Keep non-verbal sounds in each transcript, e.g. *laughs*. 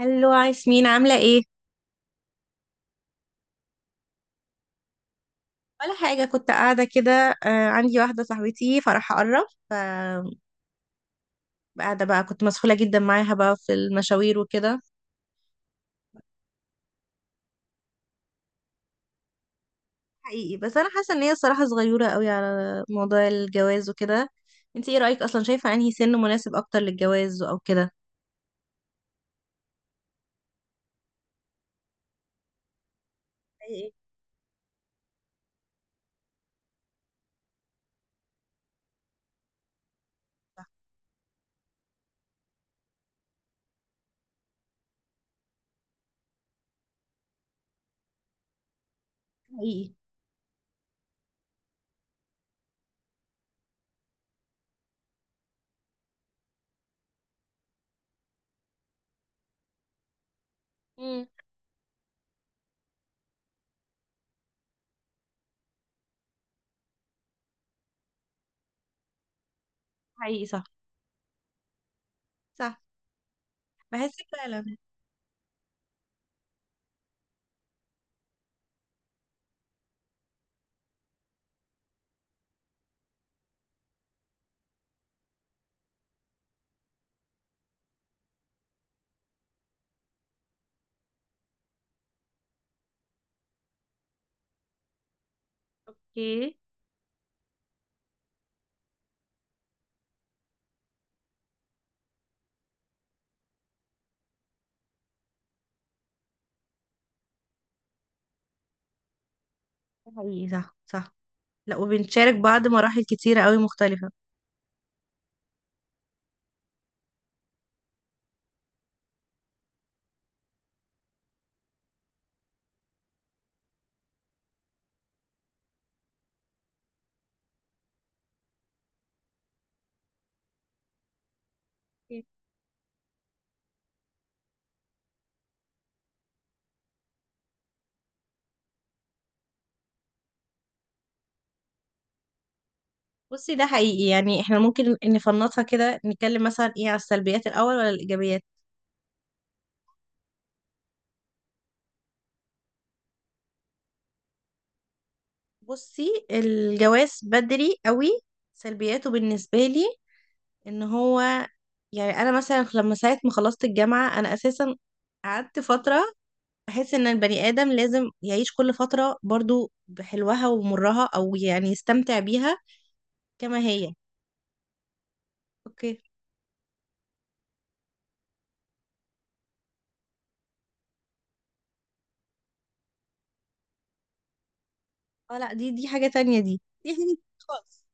هلو ياسمين، عاملة ايه؟ ولا حاجة، كنت قاعدة كده. آه، عندي واحدة صاحبتي فرح أقرب، فقاعدة بقى كنت مسحولة جدا معاها بقى في المشاوير وكده. حقيقي، بس أنا حاسة إن هي الصراحة صغيرة قوي على موضوع الجواز وكده. انتي ايه رأيك أصلا؟ شايفة أنهي سن مناسب أكتر للجواز أو كده؟ حقيقي. صح. حقيقي. مم. حقيقي، صح صح. بحس فعلا. اوكي. حقيقي، صح صح. لا، وبنشارك بعض مراحل كتيرة قوي مختلفة. بصي، ده حقيقي، يعني احنا ممكن نفنطها كده، نتكلم مثلا ايه على السلبيات الاول ولا الايجابيات؟ بصي، الجواز بدري قوي سلبياته بالنسبه لي ان هو، يعني انا مثلا لما ساعه ما خلصت الجامعه انا اساسا قعدت فتره. بحس ان البني ادم لازم يعيش كل فتره برضو بحلوها ومرها، او يعني يستمتع بيها كما هي. اوكي. اه، لا، دي حاجه تانية، دي *laughs* دي حاجه خالص.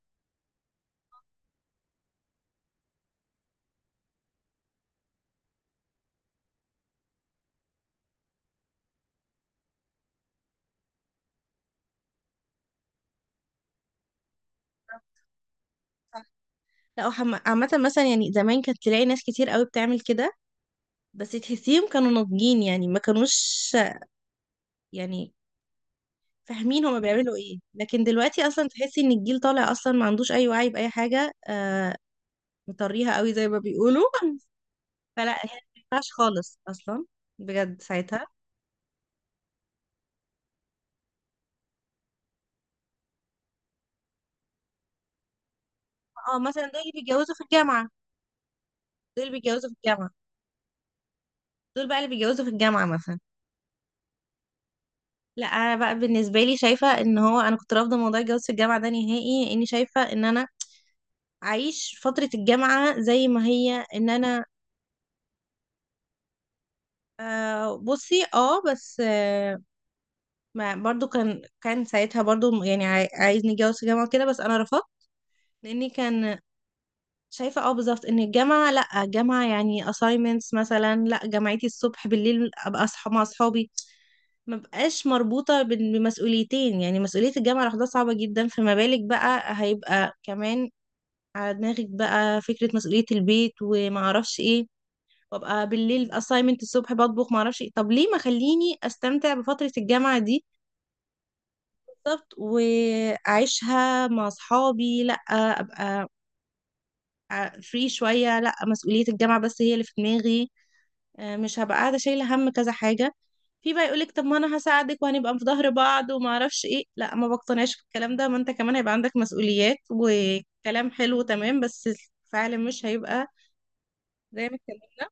لا عامة مثلا، يعني زمان كانت تلاقي ناس كتير قوي بتعمل كده، بس تحسيهم كانوا ناضجين يعني، ما كانوش يعني فاهمين هما بيعملوا ايه، لكن دلوقتي اصلا تحسي ان الجيل طالع اصلا ما عندوش اي وعي بأي حاجة. آه، مطريها قوي زي ما بيقولوا *laughs* فلا، هي ما ينفعش خالص اصلا بجد ساعتها. اه مثلا دول اللي بيتجوزوا في الجامعة، دول اللي بيتجوزوا في الجامعة، دول بقى اللي بيتجوزوا في الجامعة مثلا. لا انا بقى بالنسبة لي شايفة ان هو، انا كنت رافضة موضوع الجواز في الجامعة ده نهائي، اني شايفة ان انا اعيش فترة الجامعة زي ما هي، ان انا... آه، بصي، بس ما برضو كان ساعتها برضو يعني عايزني اتجوز في جامعة كده، بس انا رفضت لاني كان شايفة. اه، بالظبط، ان الجامعة لا جامعة يعني assignments مثلا، لا جامعتي الصبح بالليل ابقى اصحى مع اصحابي، ما بقاش مربوطة بمسؤوليتين. يعني مسؤولية الجامعة لوحدها صعبة جدا، فما بالك بقى هيبقى كمان على دماغك بقى فكرة مسؤولية البيت وما اعرفش ايه، وابقى بالليل assignment الصبح بطبخ، معرفش ايه. طب ليه ما خليني استمتع بفترة الجامعة دي؟ بالظبط، واعيشها مع اصحابي. لا، ابقى فري شوية، لا مسؤولية الجامعة بس هي اللي في دماغي. مش هبقى قاعدة شايلة هم كذا حاجة. في بقى يقولك طب ما انا هساعدك وهنبقى في ظهر بعض وما اعرفش ايه. لا، ما بقتنعش بالكلام ده، ما انت كمان هيبقى عندك مسؤوليات وكلام حلو تمام، بس فعلا مش هيبقى زي ما اتكلمنا.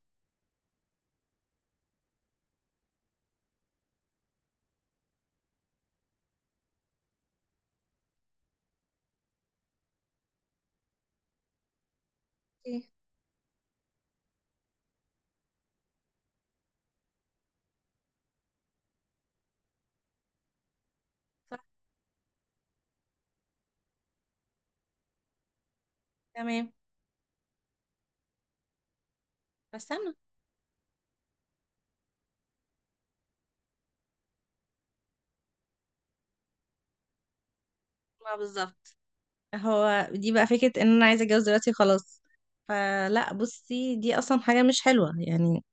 إيه، صح. تمام. بس انا، ما بالظبط، هو دي بقى فكرة ان انا عايزة اتجوز دلوقتي خلاص. فلا، بصي، دي اصلا حاجة مش حلوة يعني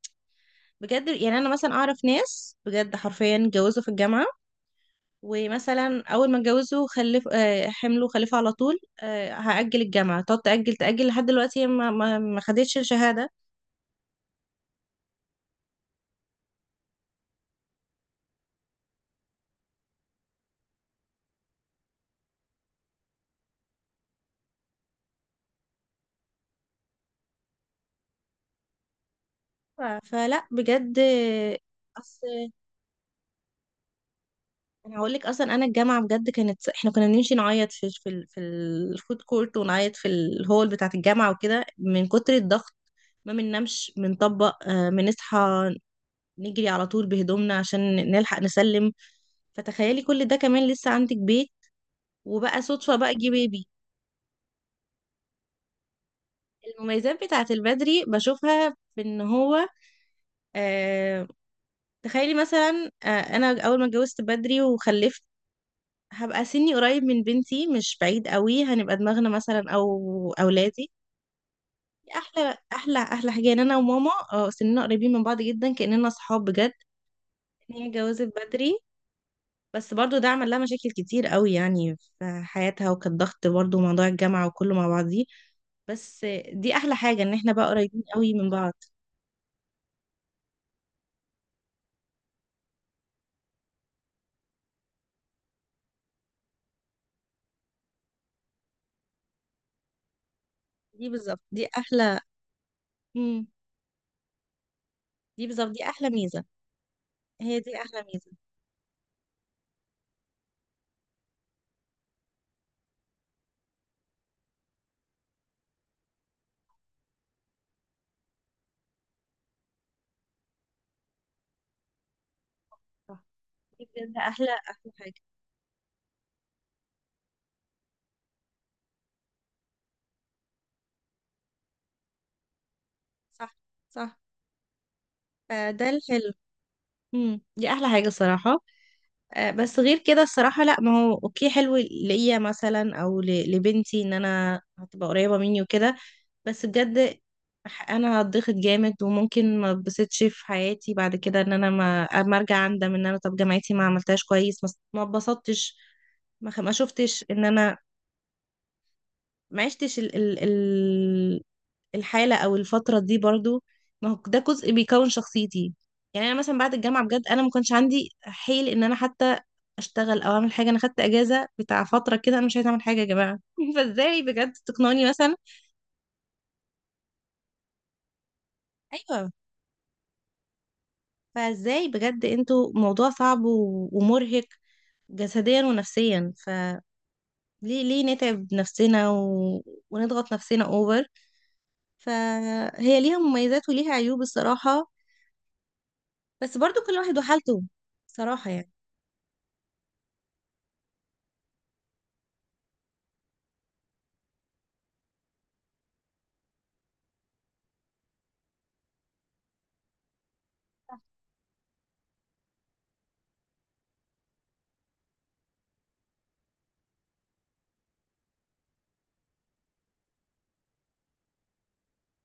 بجد. يعني انا مثلا اعرف ناس بجد حرفيا اتجوزوا في الجامعة، ومثلا اول ما اتجوزوا خلف، آه، حملوا خلفوا على طول. آه، هأجل الجامعة تقعد تأجل تأجل لحد دلوقتي هي ما خدتش الشهادة. فلا بجد. اصل انا هقول لك اصلا، انا الجامعه بجد كانت، احنا كنا بنمشي نعيط في في الفود كورت، ونعيط في الهول بتاعه الجامعه وكده من كتر الضغط. ما بننامش، بنطبق، آه، بنصحى نجري على طول بهدومنا عشان نلحق نسلم. فتخيلي كل ده كمان لسه عندك بيت، وبقى صدفه بقى جه بيبي. المميزات بتاعه البدري بشوفها في ان هو، آه، تخيلي مثلا، آه، انا اول ما اتجوزت بدري وخلفت هبقى سني قريب من بنتي، مش بعيد قوي، هنبقى دماغنا مثلا، او اولادي. احلى احلى احلى حاجه ان انا وماما، سننا قريبين من بعض جدا كاننا صحاب بجد. ان هي اتجوزت بدري، بس برضو ده عمل لها مشاكل كتير قوي يعني في حياتها، وكان ضغط برضو موضوع الجامعه وكله مع بعضيه. بس دي احلى حاجه ان احنا بقى قريبين قوي من بعض. دي بالظبط دي احلى. مم. دي بالظبط دي احلى ميزه. هي دي احلى ميزه. صح. دي بجد احلى احلى حاجه. صح. صح. فده الحلو. دي احلى حاجه الصراحه. آه، بس غير كده الصراحه لا، ما هو اوكي حلو ليا مثلا او لبنتي، ان انا هتبقى قريبه مني وكده، بس بجد، انا هتضغط جامد وممكن ما اتبسطش في حياتي بعد كده، ان انا ما اما ارجع اندم، ان انا طب جامعتي ما عملتهاش كويس، ما اتبسطتش، ما شفتش ان انا ما عشتش ال ال الحالة أو الفترة دي برضو. ما هو ده جزء بيكون شخصيتي. يعني أنا مثلا بعد الجامعة بجد أنا ما كانش عندي حيل إن أنا حتى أشتغل أو أعمل حاجة. أنا خدت أجازة بتاع فترة كده، أنا مش عايزة أعمل حاجة يا جماعة *laughs* فإزاي بجد تقنعوني مثلا؟ أيوه. فإزاي بجد أنتوا، موضوع صعب ومرهق جسديا ونفسيا، فليه نتعب نفسنا ونضغط نفسنا أوفر؟ فهي ليها مميزات وليها عيوب الصراحة، بس برضو كل واحد وحالته صراحة يعني.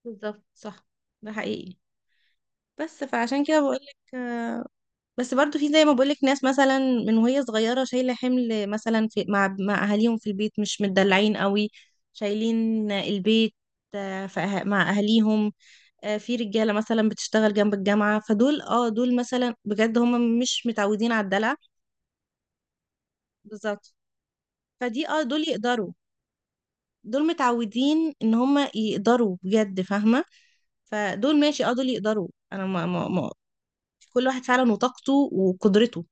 بالظبط. صح. ده حقيقي، بس فعشان كده بقولك، بس برضو في زي ما بقولك ناس مثلا من وهي صغيرة شايلة حمل مثلا في مع أهاليهم في البيت، مش متدلعين قوي، شايلين البيت، آه، في مع أهاليهم، آه، في رجالة مثلا بتشتغل جنب الجامعة، فدول، اه، دول مثلا بجد هم مش متعودين على الدلع. بالظبط. فدي، اه، دول يقدروا، دول متعودين ان هم يقدروا بجد فاهمة، فدول ماشي، اه، دول يقدروا. انا ما ما كل واحد فعلا وطاقته وقدرته.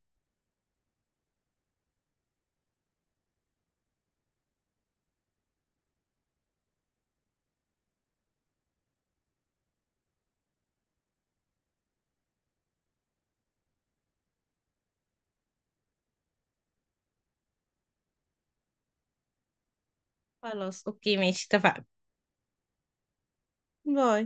خلاص، اوكي، ماشي، اتفقنا. باي.